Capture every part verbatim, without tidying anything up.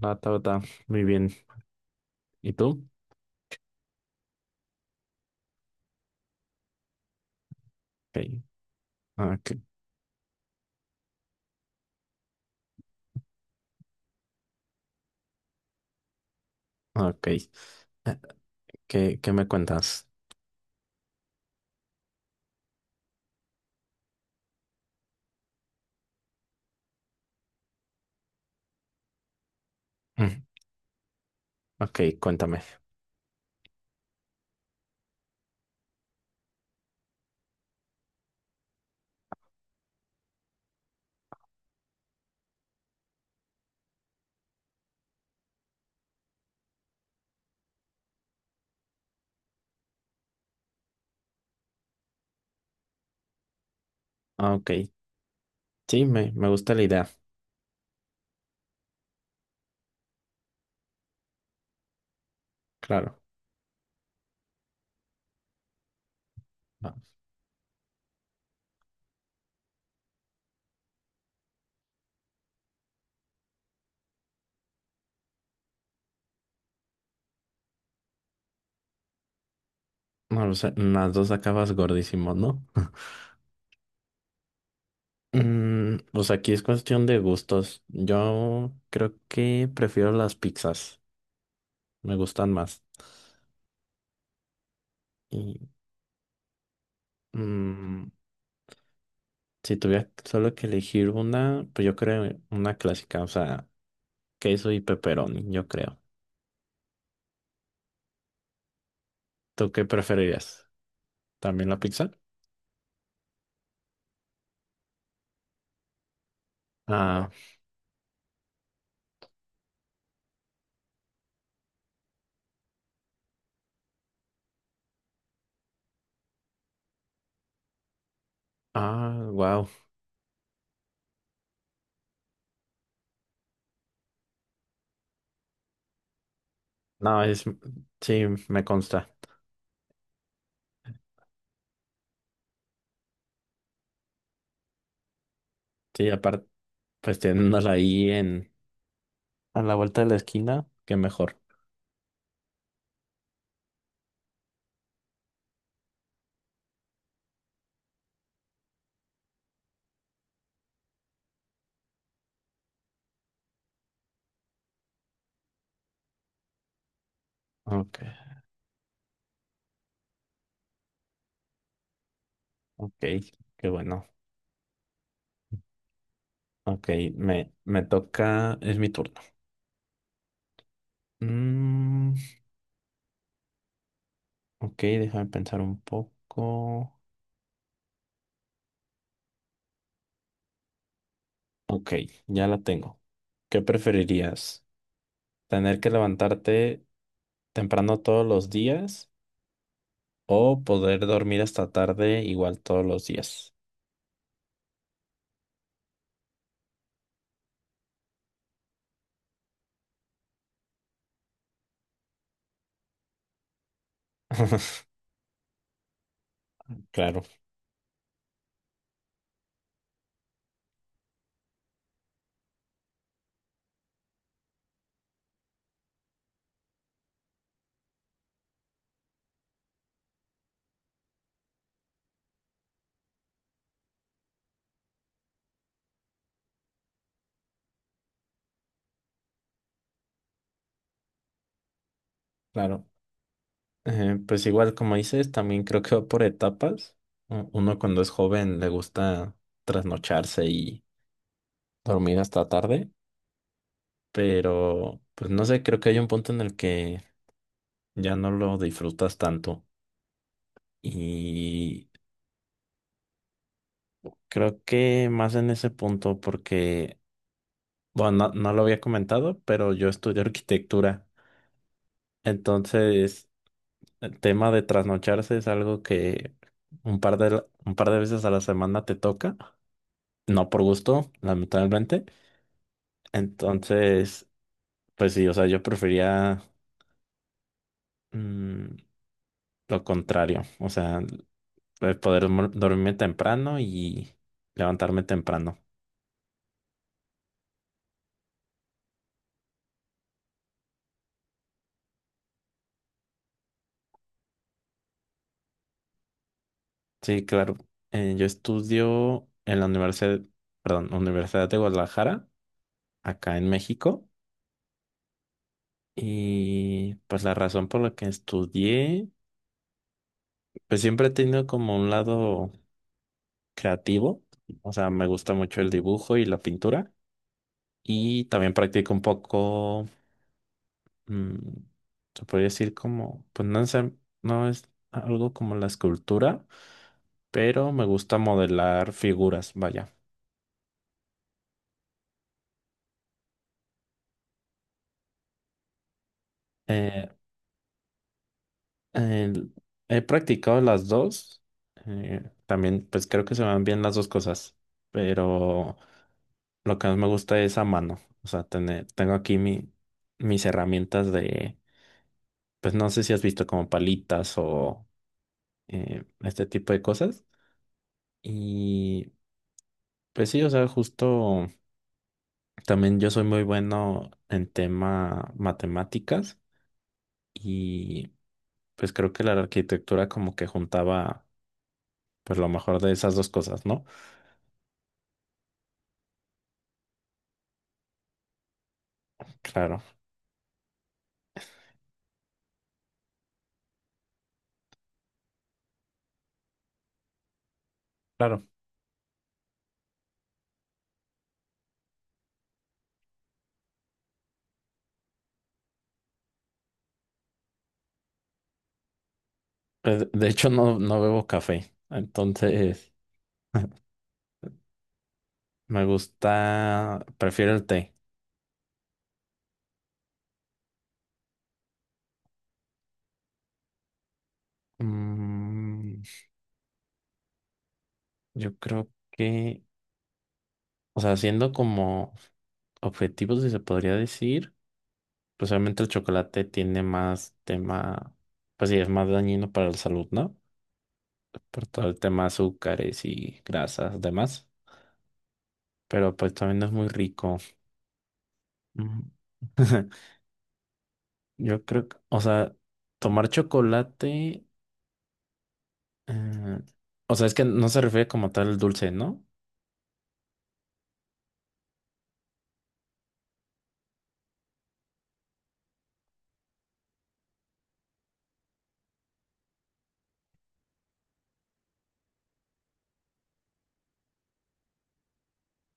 Nata, nata. Muy bien. ¿Y tú? Ok. Ah, ok. Ah, ok. Eh, ¿Qué, qué me cuentas? Mm. Ok, cuéntame. Ah, ok. Sí, me, me gusta la idea, claro. Ah. No, lo sé, las dos acabas gordísimo, ¿no? Mm, pues aquí es cuestión de gustos. Yo creo que prefiero las pizzas, me gustan más. Y mm, si tuviera solo que elegir una, pues yo creo una clásica, o sea, queso y pepperoni, yo creo. ¿Tú qué preferirías? ¿También la pizza? Ah, ah, wow. No, es, sí, me consta. Sí, aparte, pues teniéndola ahí en, a la vuelta de la esquina, qué mejor. Ok, ok, qué bueno. Ok, me, me toca, es mi turno. Mm, ok, déjame pensar un poco. Ok, ya la tengo. ¿Qué preferirías? ¿Tener que levantarte temprano todos los días o poder dormir hasta tarde igual todos los días? Claro, claro. Eh, pues igual como dices, también creo que va por etapas. U- Uno cuando es joven le gusta trasnocharse y dormir hasta tarde, pero pues no sé, creo que hay un punto en el que ya no lo disfrutas tanto. Y creo que más en ese punto porque, bueno, no, no lo había comentado, pero yo estudio arquitectura. Entonces, el tema de trasnocharse es algo que un par de, un par de veces a la semana te toca. No por gusto, lamentablemente. Entonces, pues sí, o sea, yo prefería mm, lo contrario, o sea, el poder mo- dormirme temprano y levantarme temprano. Sí, claro, eh, yo estudio en la universidad, perdón, Universidad de Guadalajara, acá en México, y pues la razón por la que estudié, pues siempre he tenido como un lado creativo, o sea, me gusta mucho el dibujo y la pintura. Y también practico un poco, mm, se podría decir como, pues no es, no es algo como la escultura, pero me gusta modelar figuras, vaya. Eh, el- he practicado las dos, eh, también pues creo que se me van bien las dos cosas, pero lo que más me gusta es a mano, o sea, tener, tengo aquí mi, mis herramientas de, pues no sé si has visto como palitas o eh, este tipo de cosas. Y pues sí, o sea, justo también yo soy muy bueno en tema matemáticas y pues creo que la arquitectura como que juntaba pues lo mejor de esas dos cosas, ¿no? Claro, claro. Pues, de hecho no, no bebo café, entonces me gusta, prefiero el té. Mm, yo creo que, o sea, siendo como objetivos, si se podría decir. Pues obviamente el chocolate tiene más tema, pues sí, es más dañino para la salud, ¿no? Por todo el tema de azúcares y grasas, demás. Pero pues también es muy rico. Mm. Yo creo que, o sea, tomar chocolate, eh, o sea, es que no se refiere como tal el dulce, ¿no?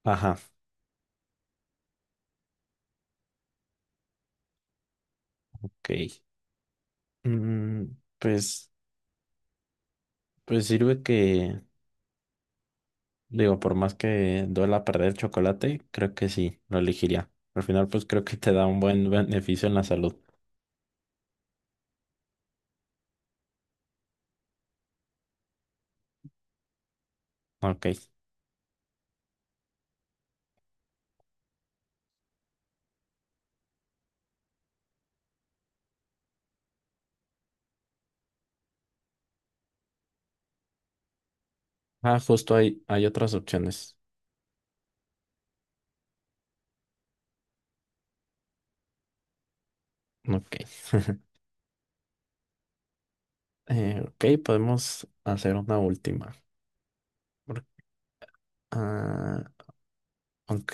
Ajá, ok. Mm, pues, pues sirve que, digo, por más que duela perder chocolate, creo que sí, lo elegiría. Al final, pues creo que te da un buen beneficio en la salud. Ok. Ah, justo hay, hay otras opciones. Ok. Eh, ok, podemos hacer una última. Por- Ah, ok,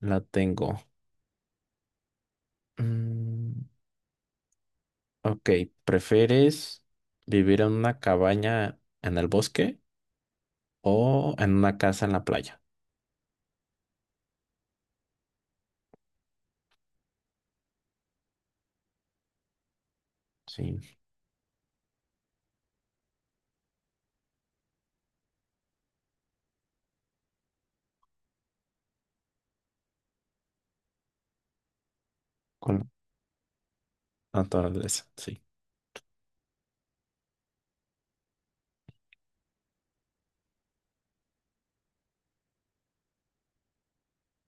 la tengo. Mm, ok, ¿prefieres vivir en una cabaña en el bosque o en una casa en la playa? Sí, con naturaleza, sí,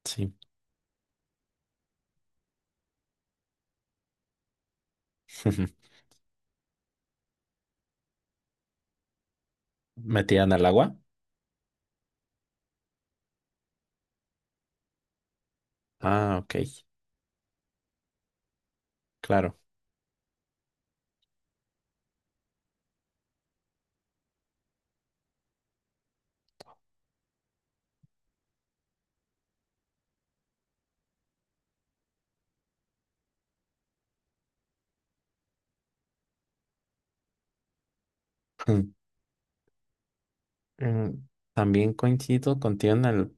sí. ¿Metida en el agua? Ah, ok, claro. Mm, También coincido contigo en el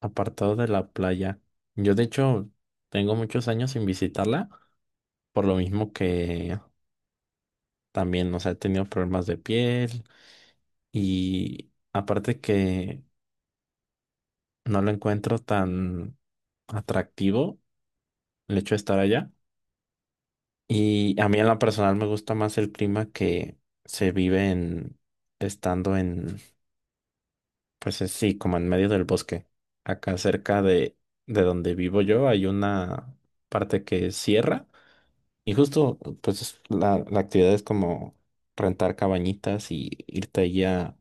apartado de la playa. Yo de hecho tengo muchos años sin visitarla, por lo mismo que también, o sea, he tenido problemas de piel y aparte que no lo encuentro tan atractivo el hecho de estar allá. Y a mí en la personal me gusta más el clima que se vive en estando en, pues eh, sí, como en medio del bosque. Acá cerca de, de donde vivo yo hay una parte que es sierra. Y justo, pues la, la actividad es como rentar cabañitas y irte allí a,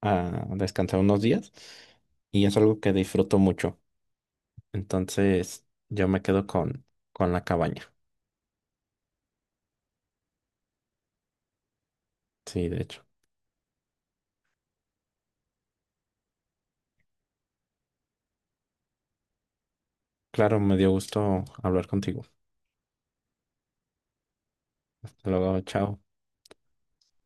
a descansar unos días. Y es algo que disfruto mucho. Entonces, yo me quedo con, con la cabaña. Sí, de hecho. Claro, me dio gusto hablar contigo. Hasta luego, chao.